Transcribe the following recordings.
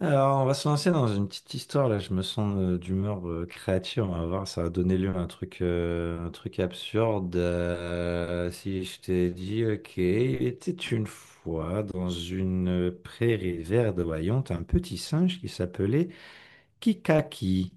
Alors, on va se lancer dans une petite histoire là. Je me sens d'humeur créative. On va voir, ça va donner lieu à un truc, un truc absurde. Si je t'ai dit, ok, il était une fois dans une prairie verdoyante un petit singe qui s'appelait Kikaki.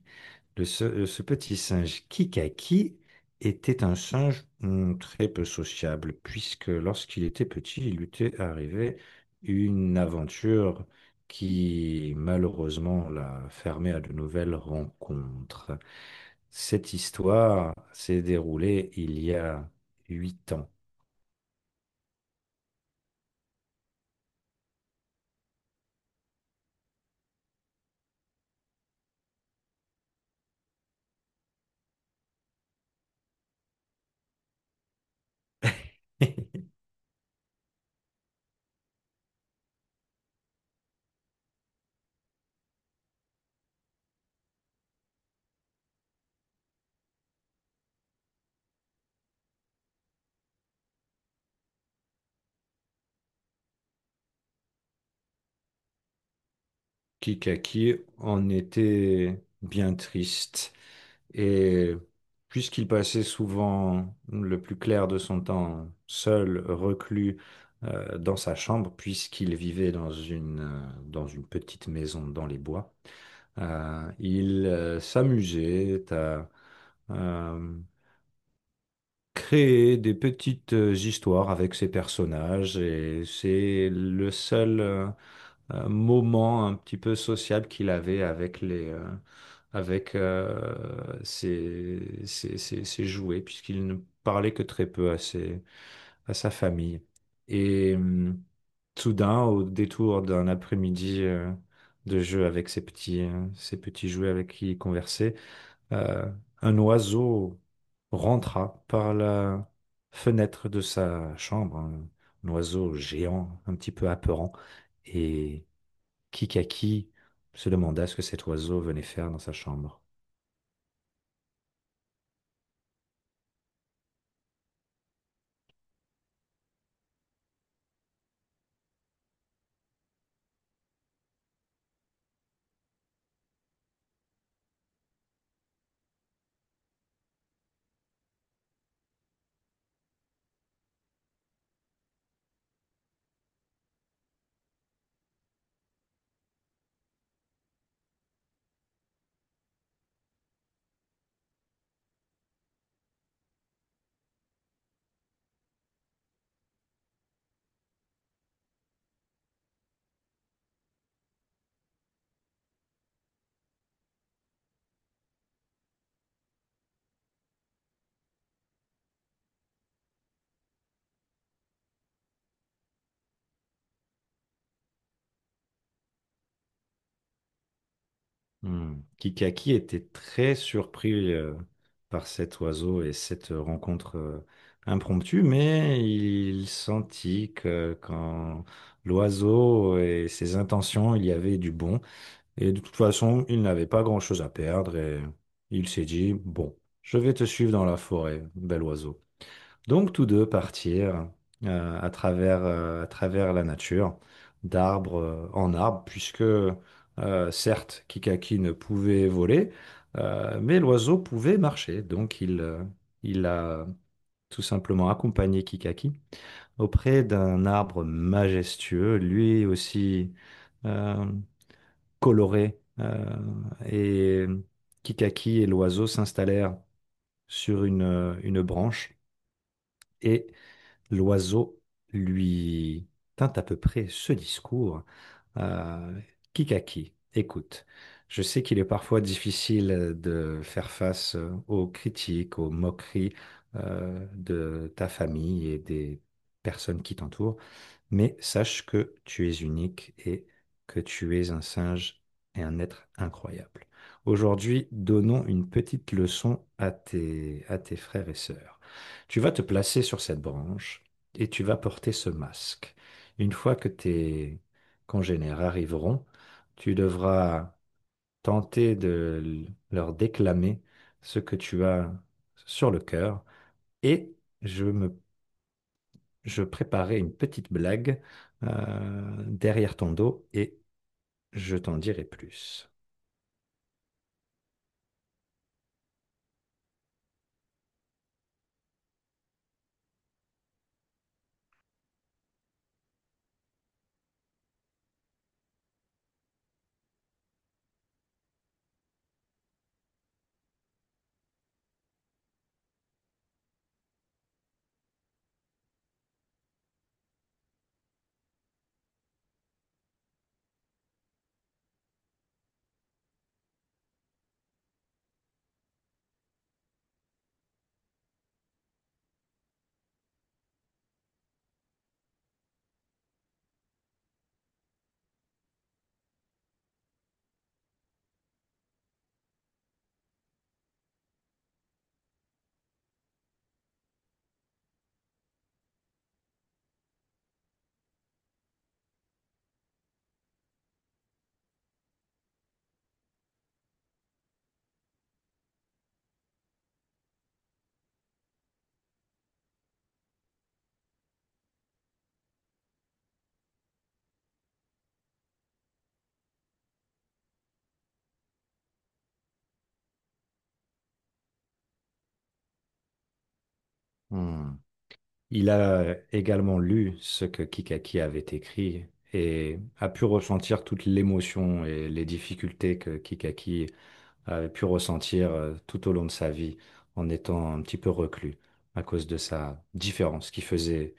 Ce petit singe Kikaki était un singe très peu sociable, puisque lorsqu'il était petit, il lui était arrivé une aventure qui malheureusement l'a fermé à de nouvelles rencontres. Cette histoire s'est déroulée il y a 8 ans. Kikaki en était bien triste. Et puisqu'il passait souvent le plus clair de son temps seul, reclus, dans sa chambre, puisqu'il vivait dans une petite maison dans les bois, il s'amusait à euh, créer des petites histoires avec ses personnages et c'est le seul. Moment un petit peu sociable qu'il avait avec les avec ses jouets puisqu'il ne parlait que très peu à sa famille. Et soudain, au détour d'un après-midi de jeu avec ses petits jouets avec qui il conversait, euh, un oiseau rentra par la fenêtre de sa chambre. Un oiseau géant, un petit peu apeurant, et Kikaki se demanda ce que cet oiseau venait faire dans sa chambre. Hmm. Kikaki était très surpris par cet oiseau et cette rencontre impromptue, mais il sentit que quand l'oiseau et ses intentions, il y avait du bon. Et de toute façon, il n'avait pas grand-chose à perdre et il s'est dit, bon, je vais te suivre dans la forêt, bel oiseau. Donc tous deux partirent à travers la nature, d'arbre en arbre, puisque certes Kikaki ne pouvait voler, mais l'oiseau pouvait marcher. Donc il a tout simplement accompagné Kikaki auprès d'un arbre majestueux, lui aussi euh, coloré. Et Kikaki et l'oiseau s'installèrent sur une branche et l'oiseau lui tint à peu près ce discours. Euh, Kikaki, écoute, je sais qu'il est parfois difficile de faire face aux critiques, aux moqueries de ta famille et des personnes qui t'entourent mais sache que tu es unique et que tu es un singe et un être incroyable. Aujourd'hui, donnons une petite leçon à tes frères et sœurs. Tu vas te placer sur cette branche et tu vas porter ce masque. Une fois que tes congénères arriveront, tu devras tenter de leur déclamer ce que tu as sur le cœur et je me je préparais une petite blague derrière ton dos et je t'en dirai plus. Hmm. Il a également lu ce que Kikaki avait écrit et a pu ressentir toute l'émotion et les difficultés que Kikaki avait pu ressentir tout au long de sa vie en étant un petit peu reclus à cause de sa différence qui faisait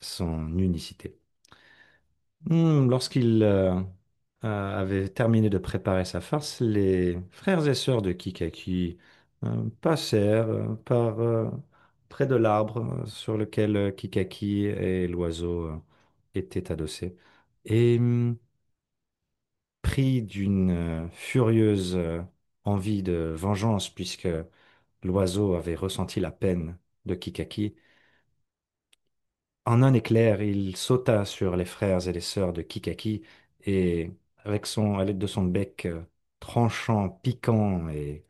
son unicité. Lorsqu'il avait terminé de préparer sa farce, les frères et sœurs de Kikaki passèrent par près de l'arbre sur lequel Kikaki et l'oiseau étaient adossés. Et pris d'une furieuse envie de vengeance, puisque l'oiseau avait ressenti la peine de Kikaki, en un éclair, il sauta sur les frères et les sœurs de Kikaki et, avec son, à l'aide de son bec tranchant, piquant, et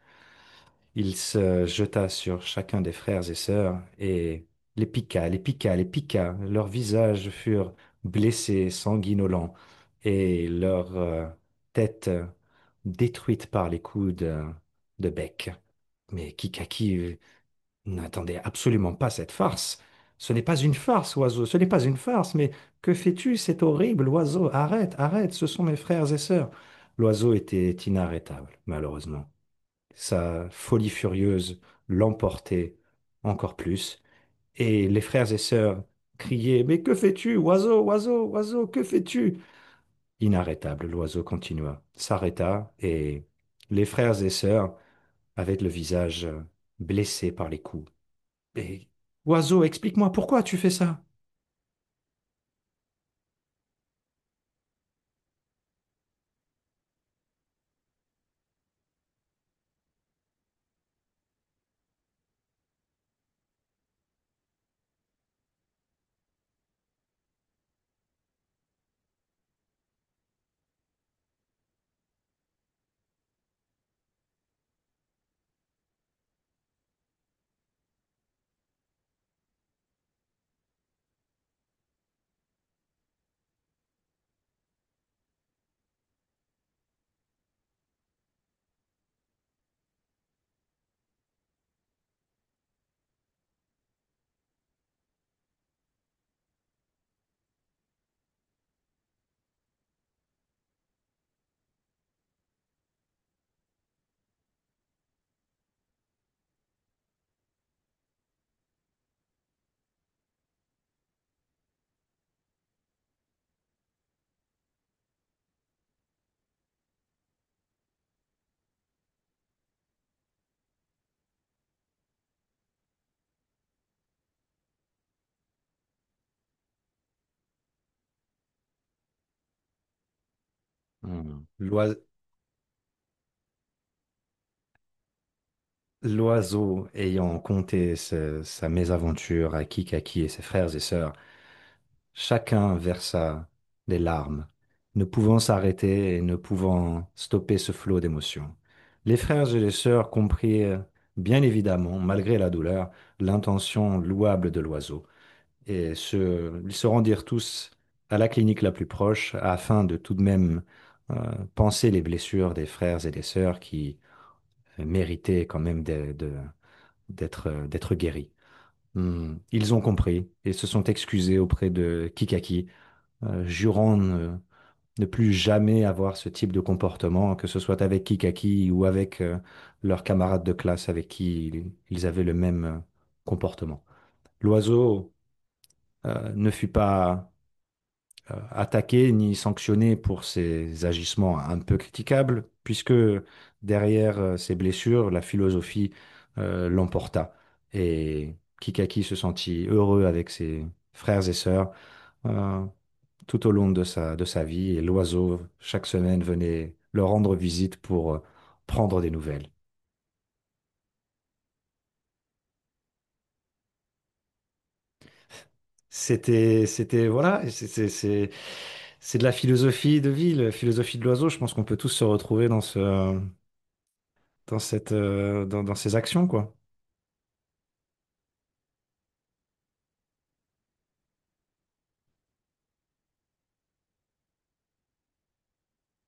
il se jeta sur chacun des frères et sœurs et les piqua, les piqua, les piqua. Leurs visages furent blessés, sanguinolents, et leurs têtes détruites par les coups de bec. Mais Kikaki, n'attendez absolument pas cette farce. Ce n'est pas une farce, oiseau, ce n'est pas une farce, mais que fais-tu? C'est horrible, oiseau. Arrête, arrête, ce sont mes frères et sœurs. L'oiseau était inarrêtable, malheureusement. Sa folie furieuse l'emportait encore plus, et les frères et sœurs criaient, mais que fais-tu, oiseau, oiseau, oiseau, que fais-tu? Inarrêtable, l'oiseau continua, s'arrêta, et les frères et sœurs, avec le visage blessé par les coups, mais oiseau, explique-moi pourquoi tu fais ça. Hmm. L'oiseau, ayant conté sa mésaventure à Kikaki et ses frères et sœurs, chacun versa des larmes, ne pouvant s'arrêter et ne pouvant stopper ce flot d'émotions. Les frères et les sœurs comprirent, bien évidemment, malgré la douleur, l'intention louable de l'oiseau. Ils se rendirent tous à la clinique la plus proche afin de tout de même panser les blessures des frères et des sœurs qui méritaient quand même d'être d'être guéris. Hmm. Ils ont compris et se sont excusés auprès de Kikaki, jurant ne, ne plus jamais avoir ce type de comportement, que ce soit avec Kikaki ou avec leurs camarades de classe avec qui ils avaient le même comportement. L'oiseau ne fut pas attaquer ni sanctionner pour ses agissements un peu critiquables, puisque derrière ces blessures, la philosophie l'emporta. Et Kikaki se sentit heureux avec ses frères et sœurs euh, tout au long de sa vie, et l'oiseau, chaque semaine, venait leur rendre visite pour prendre des nouvelles. Voilà, c'est de la philosophie de vie, la philosophie de l'oiseau. Je pense qu'on peut tous se retrouver dans ce, dans cette, dans, dans ces actions, quoi.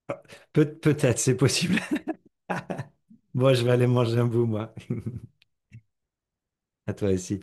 Ah, peut-être, c'est possible. Bon, je vais aller manger un bout, moi. À toi aussi.